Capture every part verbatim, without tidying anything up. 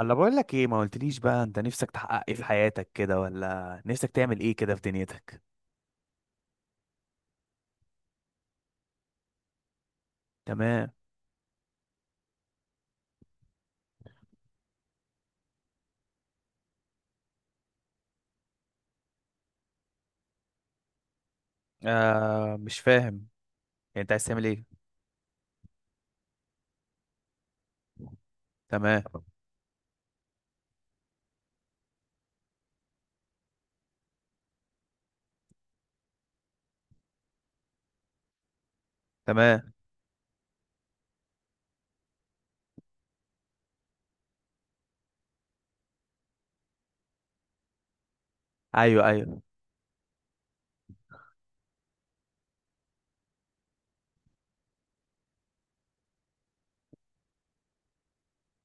انا بقول لك ايه ما قلتليش بقى، انت نفسك تحقق ايه في حياتك كده، ولا نفسك تعمل ايه كده في دنيتك؟ تمام. آه، مش فاهم. يعني انت عايز تعمل ايه؟ تمام تمام. ايوه، ايوه.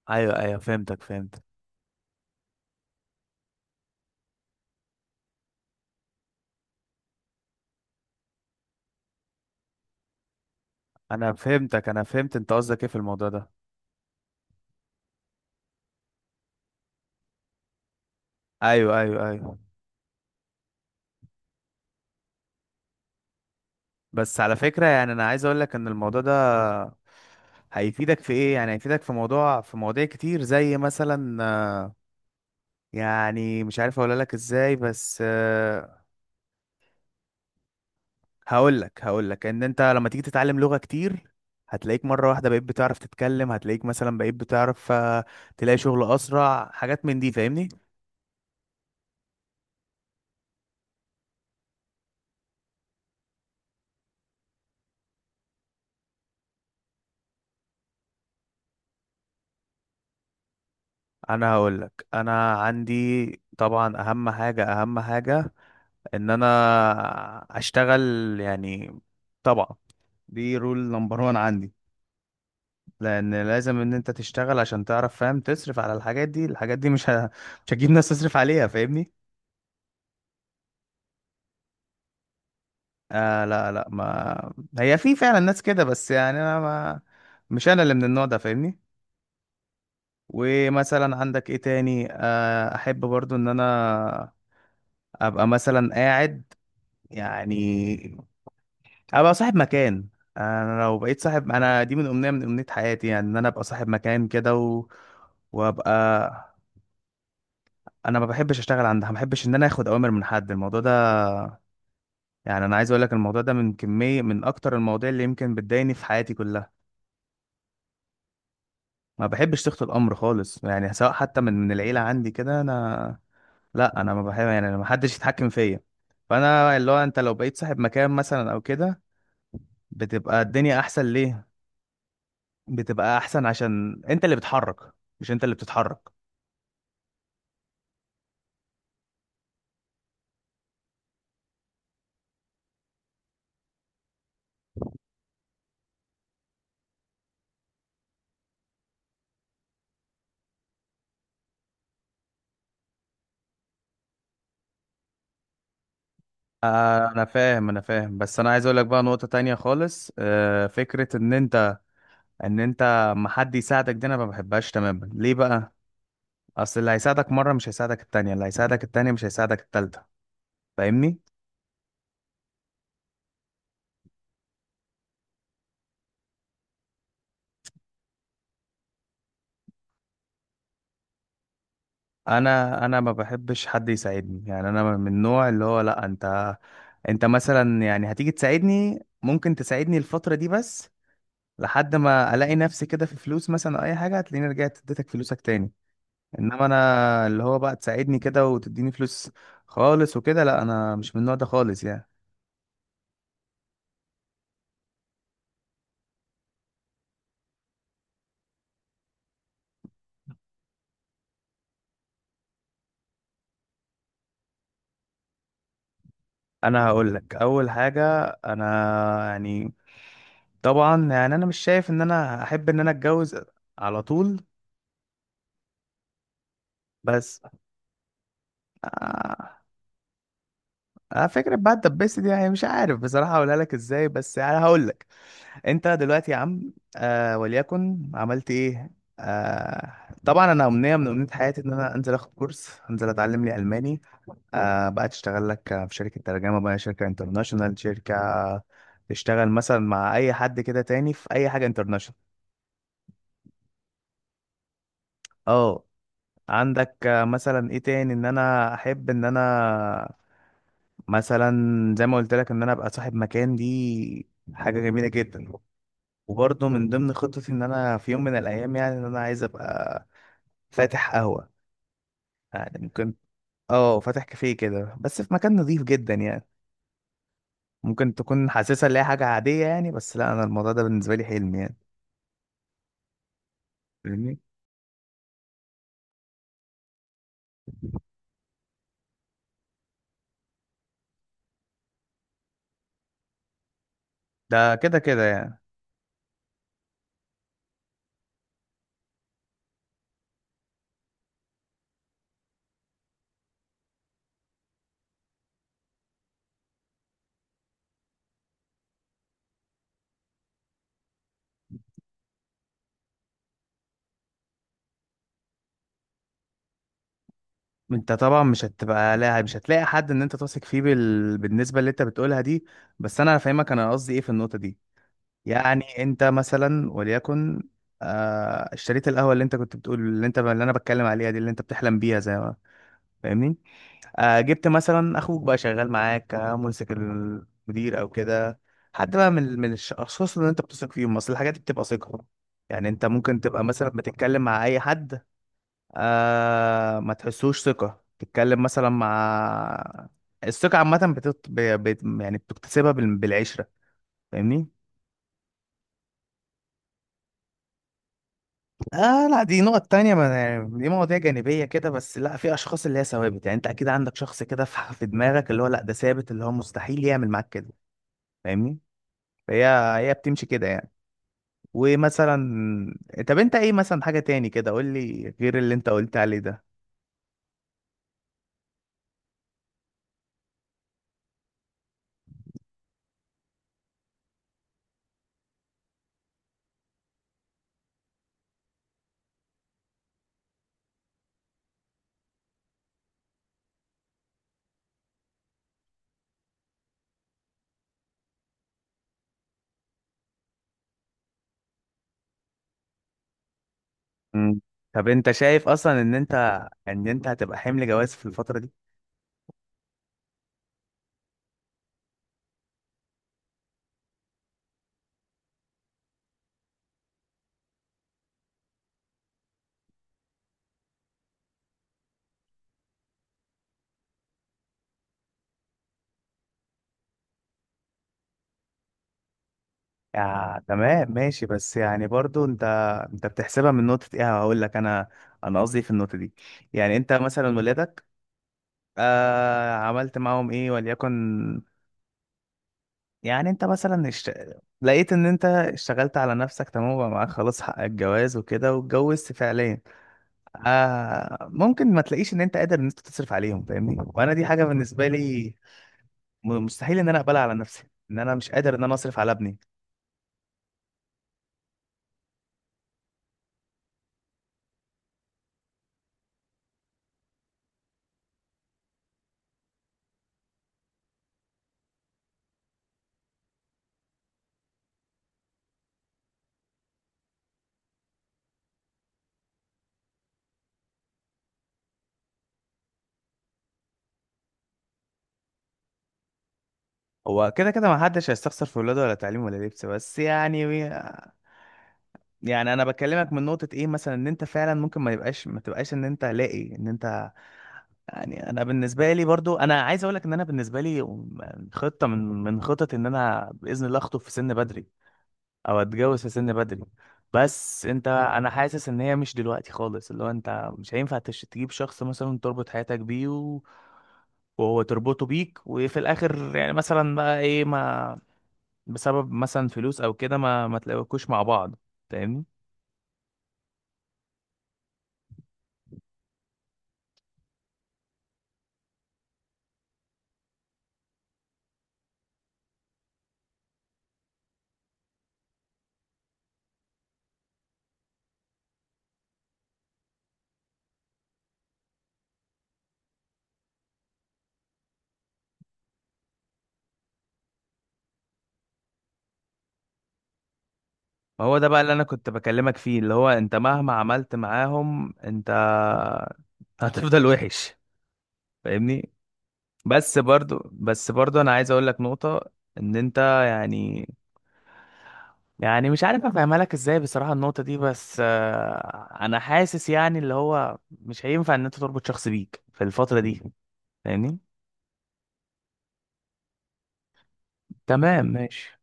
ايوه، ايوه، فهمتك فهمت انا فهمتك انا فهمت انت قصدك ايه في الموضوع ده؟ ايوه، ايوه، ايوه. بس على فكرة، يعني انا عايز اقول لك ان الموضوع ده هيفيدك في ايه. يعني هيفيدك في موضوع في مواضيع كتير زي مثلا، آه، يعني مش عارف اقول لك ازاي، بس آه، هقول لك هقول لك ان انت لما تيجي تتعلم لغة كتير، هتلاقيك مرة واحدة بقيت بتعرف تتكلم، هتلاقيك مثلا بقيت بتعرف، آه، تلاقي شغل اسرع، حاجات من دي. فاهمني؟ انا هقول لك، انا عندي طبعا اهم حاجة، اهم حاجة ان انا اشتغل. يعني طبعا دي رول نمبر وان عندي. لان لازم ان انت تشتغل عشان تعرف، فاهم، تصرف على الحاجات دي. الحاجات دي مش ه... مش هتجيب ناس تصرف عليها. فاهمني؟ آه، لا، لا، ما هي في فعلا ناس كده، بس يعني انا ما مش انا اللي من النوع ده. فاهمني؟ ومثلا عندك ايه تاني، آه، احب برضو ان انا ابقى مثلا قاعد، يعني ابقى صاحب مكان. انا لو بقيت صاحب، انا دي من امنية من امنية حياتي، يعني ان انا ابقى صاحب مكان كده و... وابقى. انا ما بحبش اشتغل عندها، ما بحبش ان انا اخد اوامر من حد، الموضوع ده يعني انا عايز اقول لك الموضوع ده من كمية من اكتر المواضيع اللي يمكن بتضايقني في حياتي كلها. ما بحبش تخت الامر خالص، يعني سواء حتى من من العيله، عندي كده انا. لا، انا ما بحب، يعني أنا ما حدش يتحكم فيا. فانا اللي هو، انت لو بقيت صاحب مكان مثلا او كده، بتبقى الدنيا احسن. ليه؟ بتبقى احسن عشان انت اللي بتحرك، مش انت اللي بتتحرك. آه، انا فاهم، انا فاهم، بس انا عايز اقول لك بقى نقطه تانية خالص. آه فكره ان انت، ان انت ما حد يساعدك دي، انا ما بحبهاش تماما. ليه بقى؟ اصل اللي هيساعدك مره مش هيساعدك التانية، اللي هيساعدك التانية مش هيساعدك التالتة. فاهمني؟ انا انا ما بحبش حد يساعدني، يعني انا من النوع اللي هو لا، انت انت مثلا يعني هتيجي تساعدني، ممكن تساعدني الفترة دي بس، لحد ما الاقي نفسي كده في فلوس مثلا او اي حاجة، هتلاقيني رجعت اديتك فلوسك تاني. انما انا اللي هو بقى تساعدني كده وتديني فلوس خالص وكده، لا، انا مش من النوع ده خالص يعني. انا هقول لك اول حاجة. انا يعني طبعا، يعني انا مش شايف ان انا احب ان انا اتجوز على طول. بس اه، فكرة بقى الدباسة دي، يعني مش عارف بصراحة هقولها لك ازاي، بس يعني هقول لك. انت دلوقتي يا عم، آه وليكن عملت ايه؟ آه طبعا انا امنية من امنية حياتي ان انا انزل اخد كورس، انزل اتعلم لي الماني. آه بقى تشتغل لك في شركة ترجمة، بقى شركة انترناشونال، شركة تشتغل مثلا مع اي حد كده تاني في اي حاجة انترناشونال. اه، عندك، آه، مثلا ايه تاني ان انا احب ان انا مثلا، زي ما قلت لك ان انا ابقى صاحب مكان دي، حاجة جميلة جدا. وبرضه من ضمن خطتي ان انا في يوم من الايام، يعني ان انا عايز ابقى فاتح قهوة، يعني ممكن. اه، فاتح كافيه كده بس في مكان نظيف جدا يعني. ممكن تكون حاسسها اللي هي حاجة عادية يعني، بس لا، انا الموضوع ده بالنسبة لي حلم يعني. فاهمني؟ ده كده كده يعني. انت طبعا مش هتبقى لا مش هتلاقي حد ان انت تثق فيه بال... بالنسبة اللي انت بتقولها دي. بس انا هفهمك انا قصدي ايه في النقطة دي. يعني انت مثلا وليكن، آه اشتريت القهوة اللي انت كنت بتقول، اللي انت اللي انا بتكلم عليها دي، اللي انت بتحلم بيها زي ما، فاهمني؟ آه، جبت مثلا اخوك بقى شغال معاك، آه، ممسك المدير او كده، حد بقى من من الاشخاص اللي انت بتثق فيهم. اصل الحاجات دي بتبقى ثقه، يعني انت ممكن تبقى مثلا بتتكلم مع اي حد، آه ما تحسوش ثقه، تتكلم مثلا مع الثقه عامه، بتط... ب... بت... يعني بتكتسبها بال... بالعشره. فاهمني؟ اه لا، دي نقط تانية، ما يعني دي مواضيع جانبية كده، بس لا، في اشخاص اللي هي ثوابت، يعني انت اكيد عندك شخص كده في في دماغك اللي هو لا، ده ثابت، اللي هو مستحيل يعمل معاك كده. فاهمني؟ هي هي بتمشي كده يعني. ومثلا، طب انت ايه مثلا حاجة تاني كده، قول لي غير اللي انت قلت عليه ده. مم. طب انت شايف اصلا ان انت ان انت هتبقى حمل جواز في الفترة دي؟ يا تمام، ماشي. بس يعني برضو انت انت بتحسبها من نقطة ايه؟ هقول لك انا. انا قصدي إيه في النقطة دي؟ يعني انت مثلا ولادك، آه عملت معاهم ايه وليكن. يعني انت مثلا اشت... لقيت ان انت اشتغلت على نفسك تمام، وبقى معاك خلاص حق الجواز وكده، واتجوزت فعليا. آه، ممكن ما تلاقيش ان انت قادر ان انت تصرف عليهم. فاهمني؟ وانا دي حاجه بالنسبه لي م- مستحيل ان انا اقبلها على نفسي، ان انا مش قادر ان انا اصرف على ابني. هو كده كده، ما حدش هيستخسر في ولاده، ولا تعليم ولا لبس، بس يعني، يعني انا بكلمك من نقطه ايه، مثلا ان انت فعلا ممكن ما يبقاش ما تبقاش ان انت لاقي ان انت. يعني انا بالنسبه لي برضو، انا عايز اقول لك ان انا بالنسبه لي خطه من من خطط ان انا باذن الله اخطب في سن بدري، او اتجوز في سن بدري. بس انت انا حاسس ان هي مش دلوقتي خالص، اللي هو انت مش هينفع تش- تجيب شخص مثلا تربط حياتك بيه و... وهو تربطه بيك، وفي الاخر يعني مثلا بقى ايه، ما بسبب مثلا فلوس او كده ما ما تلاقوكوش مع بعض. فاهمني؟ ما هو ده بقى اللي انا كنت بكلمك فيه، اللي هو انت مهما عملت معاهم انت هتفضل وحش. فاهمني؟ بس برضو بس برضو انا عايز اقول لك نقطة ان انت، يعني يعني مش عارف افهمها لك ازاي بصراحة النقطة دي. بس آه، انا حاسس يعني اللي هو مش هينفع ان انت تربط شخص بيك في الفترة دي. فاهمني؟ تمام ماشي.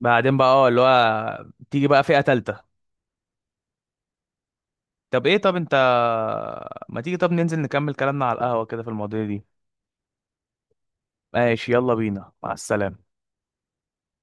بعدين بقى، اه، اللي هو تيجي بقى فئة تالتة. طب ايه؟ طب انت ما تيجي، طب ننزل نكمل كلامنا على القهوة كده في المواضيع دي. ماشي، يلا بينا. مع السلامة.